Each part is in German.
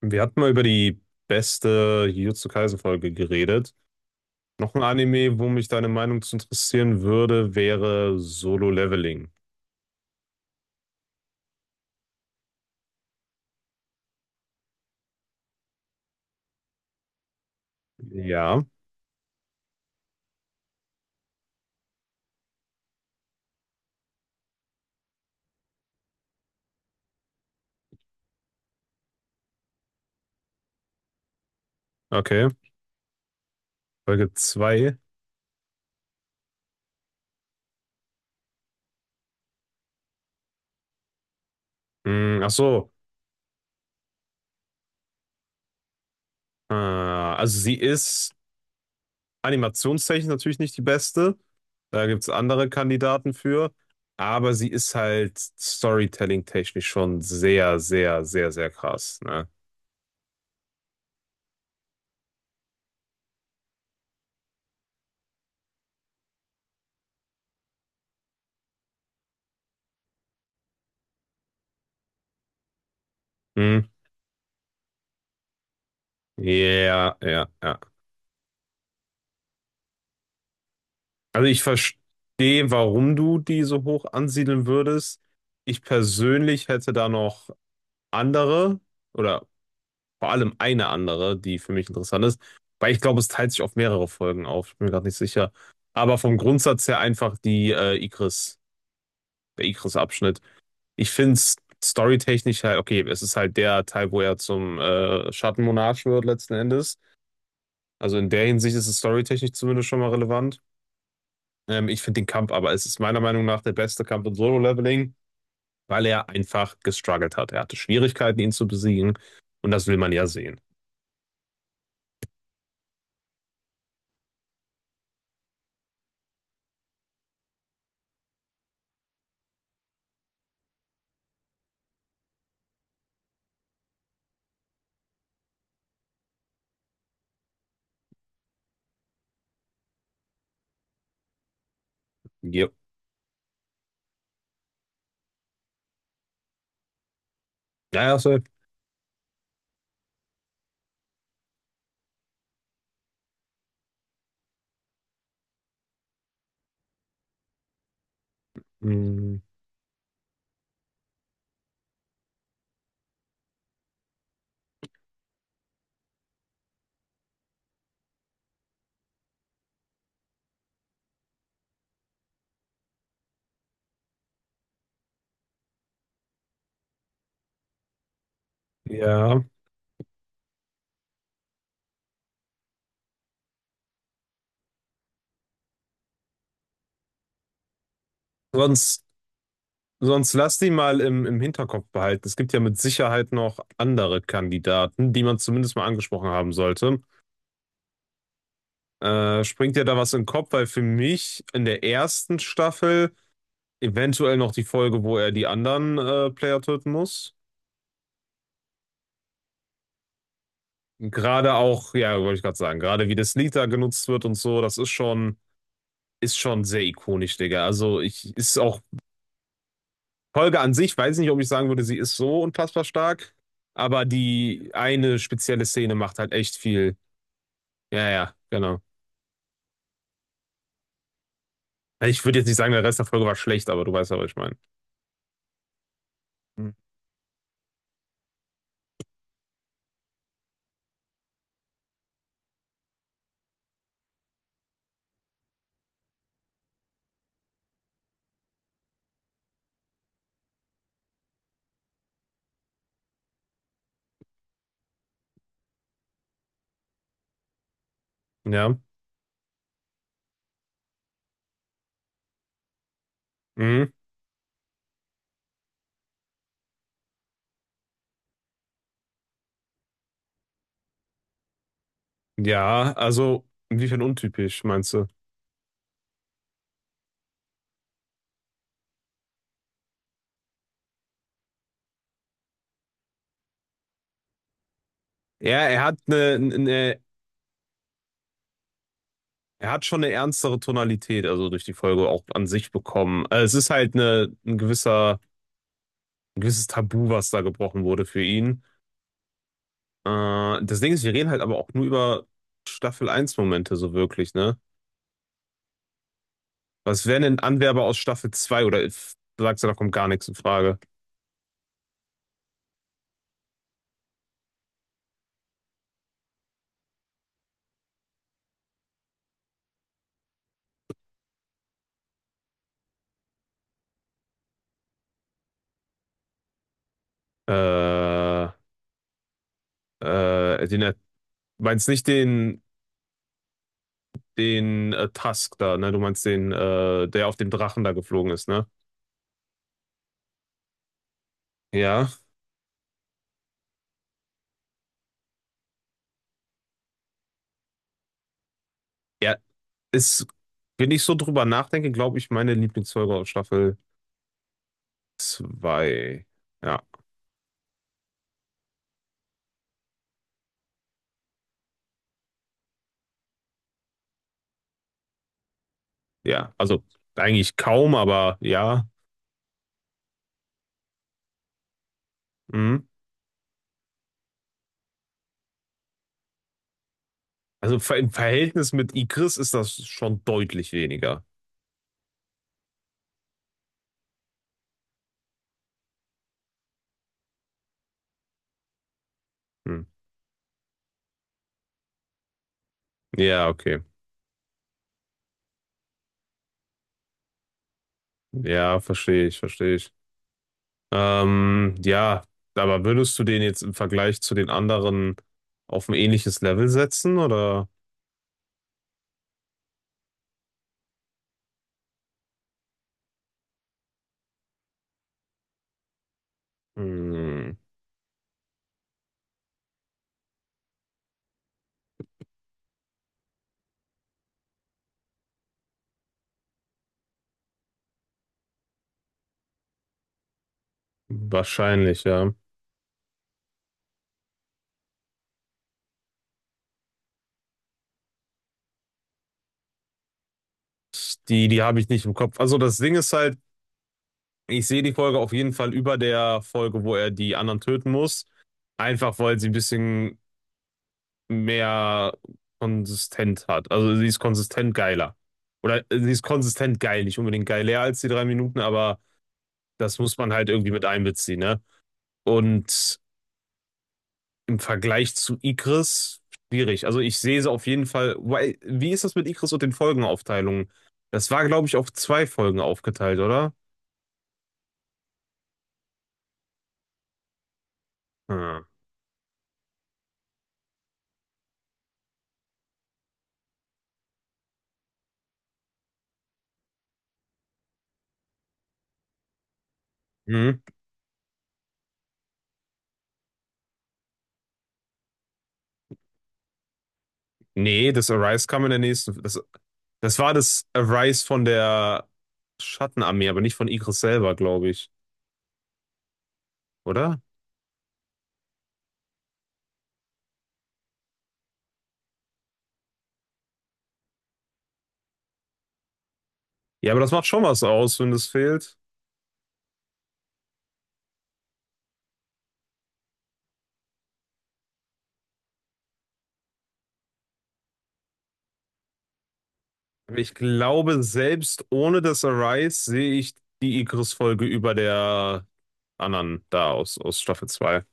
Wir hatten mal über die beste Jujutsu Kaisen-Folge geredet. Noch ein Anime, wo mich deine Meinung zu interessieren würde, wäre Solo Leveling. Ja, okay. Folge 2. Hm, ach so. Also sie ist animationstechnisch natürlich nicht die beste. Da gibt es andere Kandidaten für. Aber sie ist halt storytelling-technisch schon sehr, sehr, sehr, sehr krass. Ne? Hm. Ja, ja, ja. Also ich verstehe, warum du die so hoch ansiedeln würdest. Ich persönlich hätte da noch andere oder vor allem eine andere, die für mich interessant ist, weil ich glaube, es teilt sich auf mehrere Folgen auf. Ich bin mir gerade nicht sicher. Aber vom Grundsatz her einfach die Ikris, der Ikris-Abschnitt. Ich finde es storytechnisch halt, okay, es ist halt der Teil, wo er zum Schattenmonarch wird letzten Endes. Also in der Hinsicht ist es storytechnisch zumindest schon mal relevant. Ich finde den Kampf aber, es ist meiner Meinung nach der beste Kampf im Solo-Leveling, weil er einfach gestruggelt hat. Er hatte Schwierigkeiten, ihn zu besiegen. Und das will man ja sehen. Jo. Ja, ja, so. Hm, ja. Sonst, sonst lass die mal im Hinterkopf behalten. Es gibt ja mit Sicherheit noch andere Kandidaten, die man zumindest mal angesprochen haben sollte. Springt dir da was in den Kopf? Weil für mich in der ersten Staffel. Eventuell noch die Folge, wo er die anderen Player töten muss. Gerade auch, ja, wollte ich gerade sagen, gerade wie der Slitter genutzt wird und so, das ist schon sehr ikonisch, Digga. Also ich ist auch Folge an sich, weiß nicht, ob ich sagen würde, sie ist so unfassbar stark, aber die eine spezielle Szene macht halt echt viel. Ja, ja, genau. Ich würde jetzt nicht sagen, der Rest der Folge war schlecht, aber du weißt ja, was ich meine. Hm. Ja. Mhm. Ja, also inwiefern untypisch, meinst du? Ja, er hat eine Er hat schon eine ernstere Tonalität, also durch die Folge auch an sich bekommen. Es ist halt eine, ein gewisser, ein gewisses Tabu, was da gebrochen wurde für ihn. Das Ding ist, wir reden halt aber auch nur über Staffel 1 Momente so wirklich, ne? Was wären denn Anwerber aus Staffel 2? Oder du sagst ja, da kommt gar nichts in Frage. Äh, äh, den, er- meinst nicht den, den Tusk da, ne? Du meinst den, der auf dem Drachen da geflogen ist, ne? Ja. Ja, ist, wenn ich so drüber nachdenke, glaube ich, meine Lieblingsfolge aus Staffel 2. Ja, ja, also eigentlich kaum, aber ja. Mhm. Also im Verhältnis mit Igris ist das schon deutlich weniger. Hm. Ja, okay. Ja, verstehe ich, verstehe ich. Ja, aber würdest du den jetzt im Vergleich zu den anderen auf ein ähnliches Level setzen oder? Hm, wahrscheinlich, ja. Die, die habe ich nicht im Kopf. Also das Ding ist halt, ich sehe die Folge auf jeden Fall über der Folge, wo er die anderen töten muss. Einfach weil sie ein bisschen mehr konsistent hat. Also sie ist konsistent geiler. Oder sie ist konsistent geil, nicht unbedingt geiler als die 3 Minuten, aber das muss man halt irgendwie mit einbeziehen, ne? Und im Vergleich zu Ikris, schwierig. Also ich sehe sie auf jeden Fall. Wie ist das mit Ikris und den Folgenaufteilungen? Das war, glaube ich, auf 2 Folgen aufgeteilt, oder? Hm. Hm. Nee, das Arise kam in der nächsten. Das war das Arise von der Schattenarmee, aber nicht von Igris selber, glaube ich, oder? Ja, aber das macht schon was aus, wenn das fehlt. Aber ich glaube, selbst ohne das Arise sehe ich die Igris-Folge über der anderen da aus, aus Staffel 2.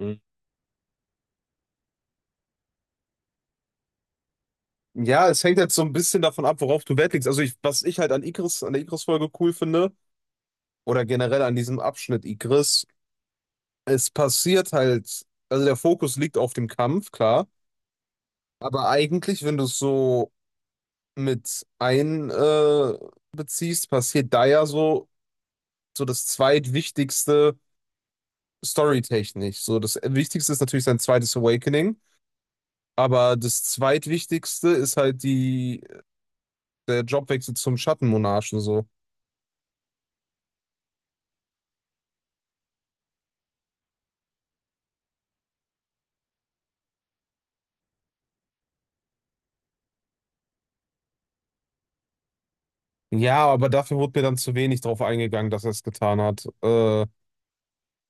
Mhm. Ja, es hängt halt so ein bisschen davon ab, worauf du Wert legst. Also ich, was ich halt an Igris, an der Igris-Folge cool finde, oder generell an diesem Abschnitt Igris, es passiert halt, also der Fokus liegt auf dem Kampf, klar. Aber eigentlich, wenn du es so mit ein beziehst, passiert da ja so, so das zweitwichtigste storytechnisch. So das Wichtigste ist natürlich sein zweites Awakening, aber das zweitwichtigste ist halt die, der Jobwechsel zum Schattenmonarchen so. Ja, aber dafür wurde mir dann zu wenig drauf eingegangen, dass er es getan hat. Äh,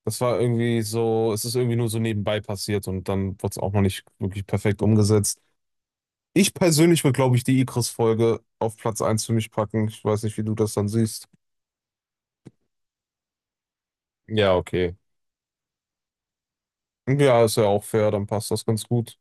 das war irgendwie so, es ist irgendwie nur so nebenbei passiert und dann wurde es auch noch nicht wirklich perfekt umgesetzt. Ich persönlich würde, glaube ich, die Ikris-Folge auf Platz 1 für mich packen. Ich weiß nicht, wie du das dann siehst. Ja, okay. Ja, ist ja auch fair, dann passt das ganz gut.